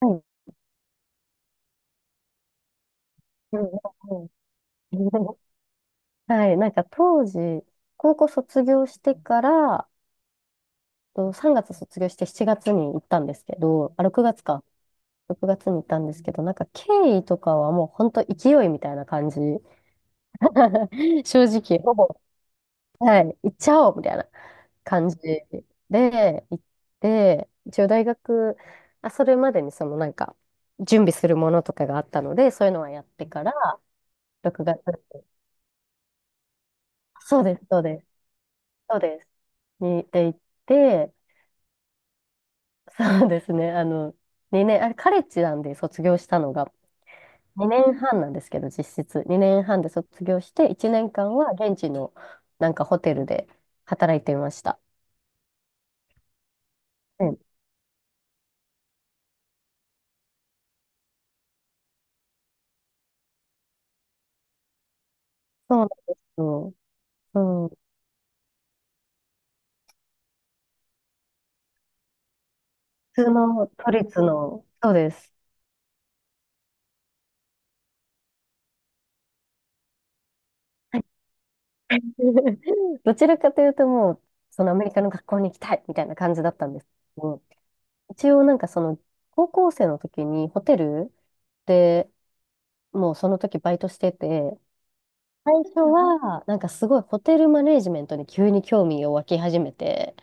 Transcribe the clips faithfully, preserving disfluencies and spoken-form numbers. はい。うん、うんうん。 はい。なんか当時、高校卒業してから、とさんがつ卒業してしちがつに行ったんですけど、あ、ろくがつか。ろくがつに行ったんですけど、なんか経緯とかはもう本当勢いみたいな感じ。正直、ほぼ、はい、行っちゃおうみたいな感じで、行って、一応大学、あ、それまでにそのなんか、準備するものとかがあったので、そういうのはやってから、ろくがつ、そうです、そうです。そうです。に、で行って、そうですね、あの、にねん、あれ、カレッジなんで卒業したのが、にねんはんなんですけど、実質。にねんはんで卒業して、いちねんかんは現地のなんかホテルで働いていました。うん、そうなんですよ。うん、普通の都立の、そうです。どちらかというと、もう、そのアメリカの学校に行きたいみたいな感じだったんですけど、一応なんかその、高校生の時にホテルでもうその時バイトしてて、最初は、なんかすごいホテルマネージメントに急に興味を湧き始めて、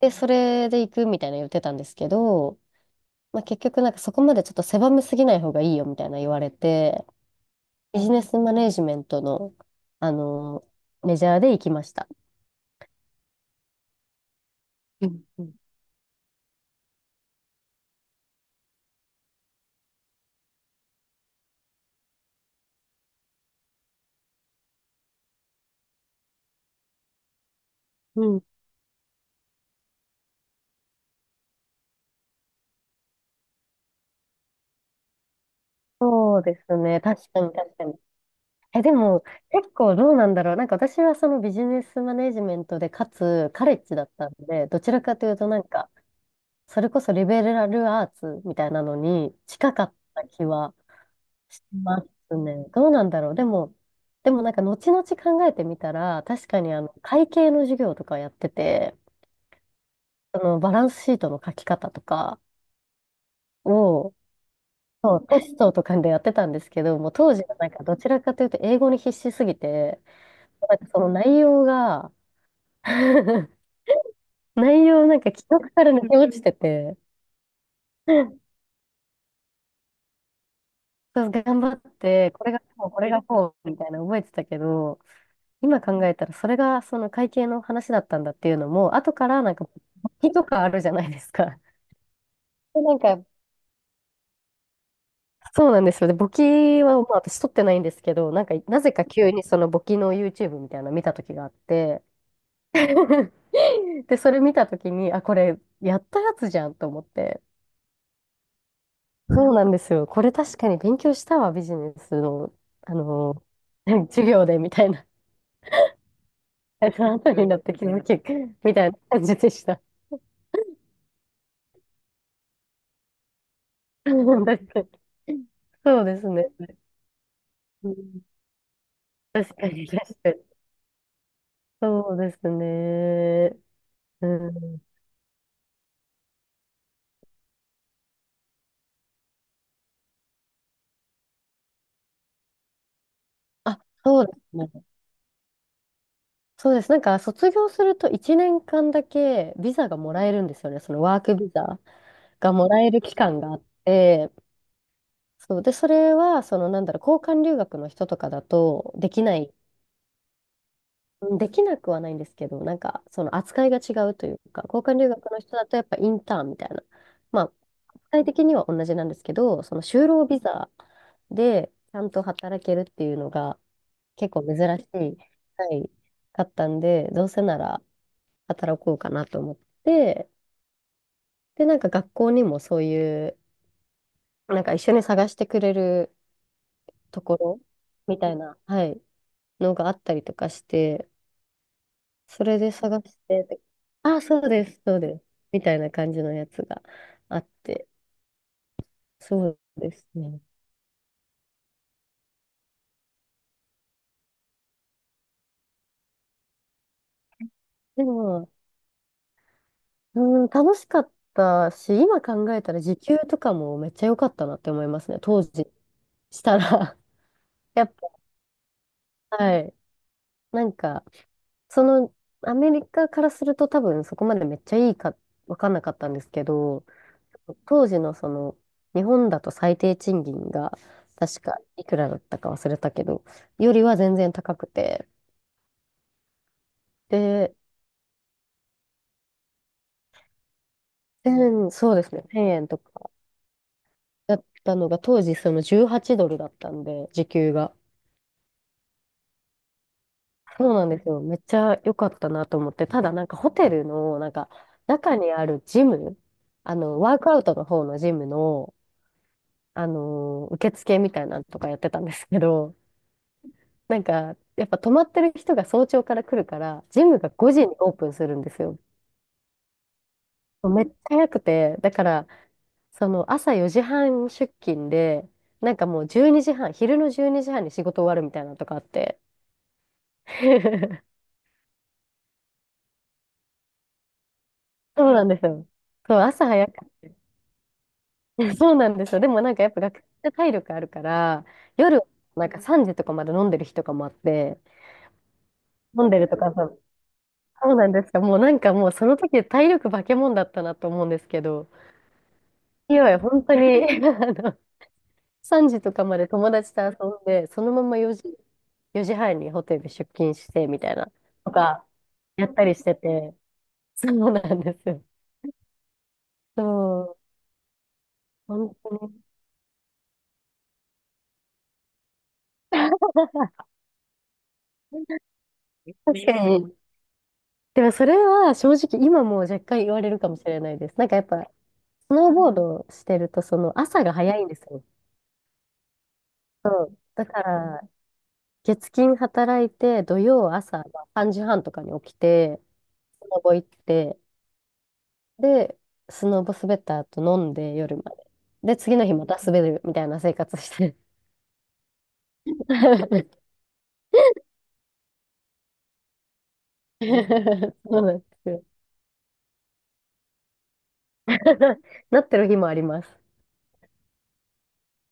で、それで行くみたいな言ってたんですけど、まあ、結局なんかそこまでちょっと狭めすぎない方がいいよみたいな言われて、ビジネスマネージメントの、あの、メジャーで行きました。うんうんうん、そうですね。確かに確かに。え、でも結構どうなんだろう。なんか私はそのビジネスマネージメントで、かつカレッジだったんで、どちらかというとなんかそれこそリベラルアーツみたいなのに近かった気はしますね。どうなんだろう。でも、でもなんか後々考えてみたら、確かにあの会計の授業とかやってて、そのバランスシートの書き方とかを、そうテストとかでやってたんですけど、もう当時はなんかどちらかというと英語に必死すぎて、なんかその内容が 内容なんか記憶から抜け落ちてて、そう頑張って、これがこう、これがこう、みたいな覚えてたけど、今考えたらそれがその会計の話だったんだっていうのも、後からなんか、簿記とかあるじゃないですか。でなんか、そうなんですよ。で、簿記は、まあ、私取ってないんですけど、なんか、なぜか急にその簿記の YouTube みたいなの見た時があって、で、それ見た時に、あ、これ、やったやつじゃんと思って。そうなんですよ。これ確かに勉強したわ、ビジネスの、あの、授業でみたいな。その後になって気づき、みたいな感じでした。確かに。そうですね。うん、確かに、確かに。そうですね。うん。あ、そうですね。そうです。なんか、卒業するといちねんかんだけビザがもらえるんですよね。そのワークビザがもらえる期間があって、そう。で、それは、その、なんだろう、交換留学の人とかだとできないうんできなくはないんですけど、なんかその扱いが違うというか、交換留学の人だとやっぱインターンみたいな、まあ、具体的には同じなんですけど、その就労ビザでちゃんと働けるっていうのが結構珍しい、はい、かったんで、どうせなら働こうかなと思って、で、なんか学校にもそういう、なんか一緒に探してくれるところみたいな、はい、のがあったりとかして、それで探して、あ、そうです、そうです。みたいな感じのやつがあって、そうですね。でも、うん、楽しかったし、今考えたら時給とかもめっちゃ良かったなって思いますね。当時したら。 やっぱ、はい。なんか、その、アメリカからすると多分そこまでめっちゃいいか分かんなかったんですけど、当時のその、日本だと最低賃金が、確かいくらだったか忘れたけど、よりは全然高くて、で、せんそうですね、いちえんとかだったのが、当時そのじゅうはちドルだったんで、時給が。そうなんですよ。めっちゃ良かったなと思って、ただなんかホテルの、なんか、中にあるジム、あの、ワークアウトの方のジムの、あのー受付みたいなのとかやってたんですけど、なんか、やっぱ泊まってる人が早朝から来るから、ジムがごじにオープンするんですよ。めっちゃ早くて、だから、その朝よじはん出勤で、なんかもうじゅうにじはん、昼のじゅうにじはんにじはんに仕事終わるみたいなのとかあって。そうなんですよ。そう、朝早く。そうなんですよ。でもなんかやっぱ学生って体力あるから、夜なんかさんじとかまで飲んでる日とかもあって、飲んでるとかそう、そうなんですか。もうなんかもうその時体力化け物だったなと思うんですけど、勢い、本当に、あの、さんじとかまで友達と遊んで、そのままよじ、よじはんにホテル出勤してみたいな、とか、やったりしてて、そうなんですよ。そう、本当に。確かに。でもそれは正直今もう若干言われるかもしれないです。なんかやっぱ、スノーボードしてると、その朝が早いんですよ。そう。だから、月金働いて、土曜朝まあさんじはんとかに起きて、スノボ行って、で、スノボ滑った後飲んで夜まで。で、次の日また滑るみたいな生活して。そうなんですよ。なってる日もあります。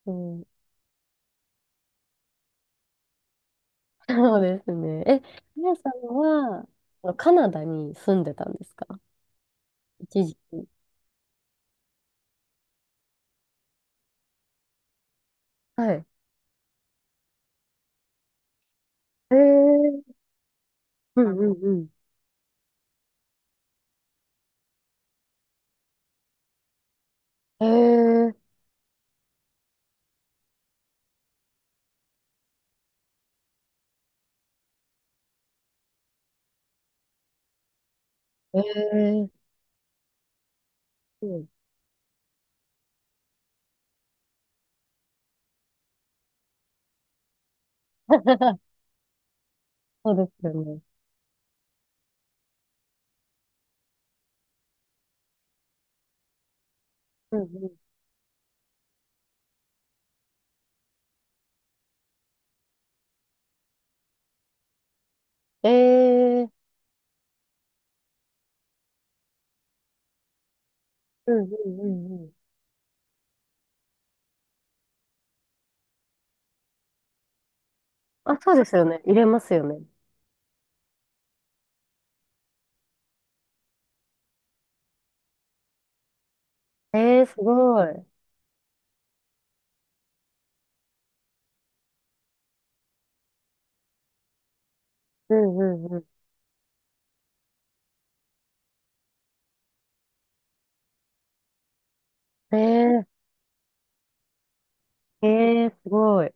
うん、そうですね。え、皆さんは、あのカナダに住んでたんですか、一時？はい。えー、うんうんうん。えー、えー、うん。そうですよね。うんうん。えー、うんうんうんうん。あ、そうですよね。入れますよね。えー、すごい。うんうんうん。ええええすごい。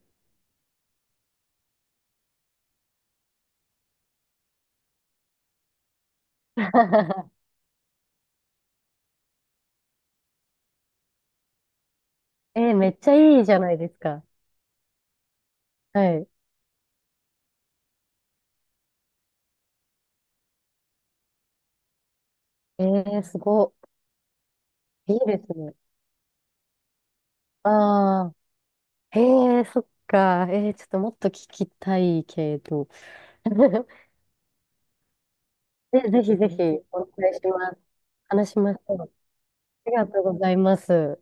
えーめっちゃいいじゃないですか。はい。ええすご。いいですね。ああ、ええそっか。えーちょっともっと聞きたいけど。ぜぜひぜひ、お願いします。話しましょう。ありがとうございます。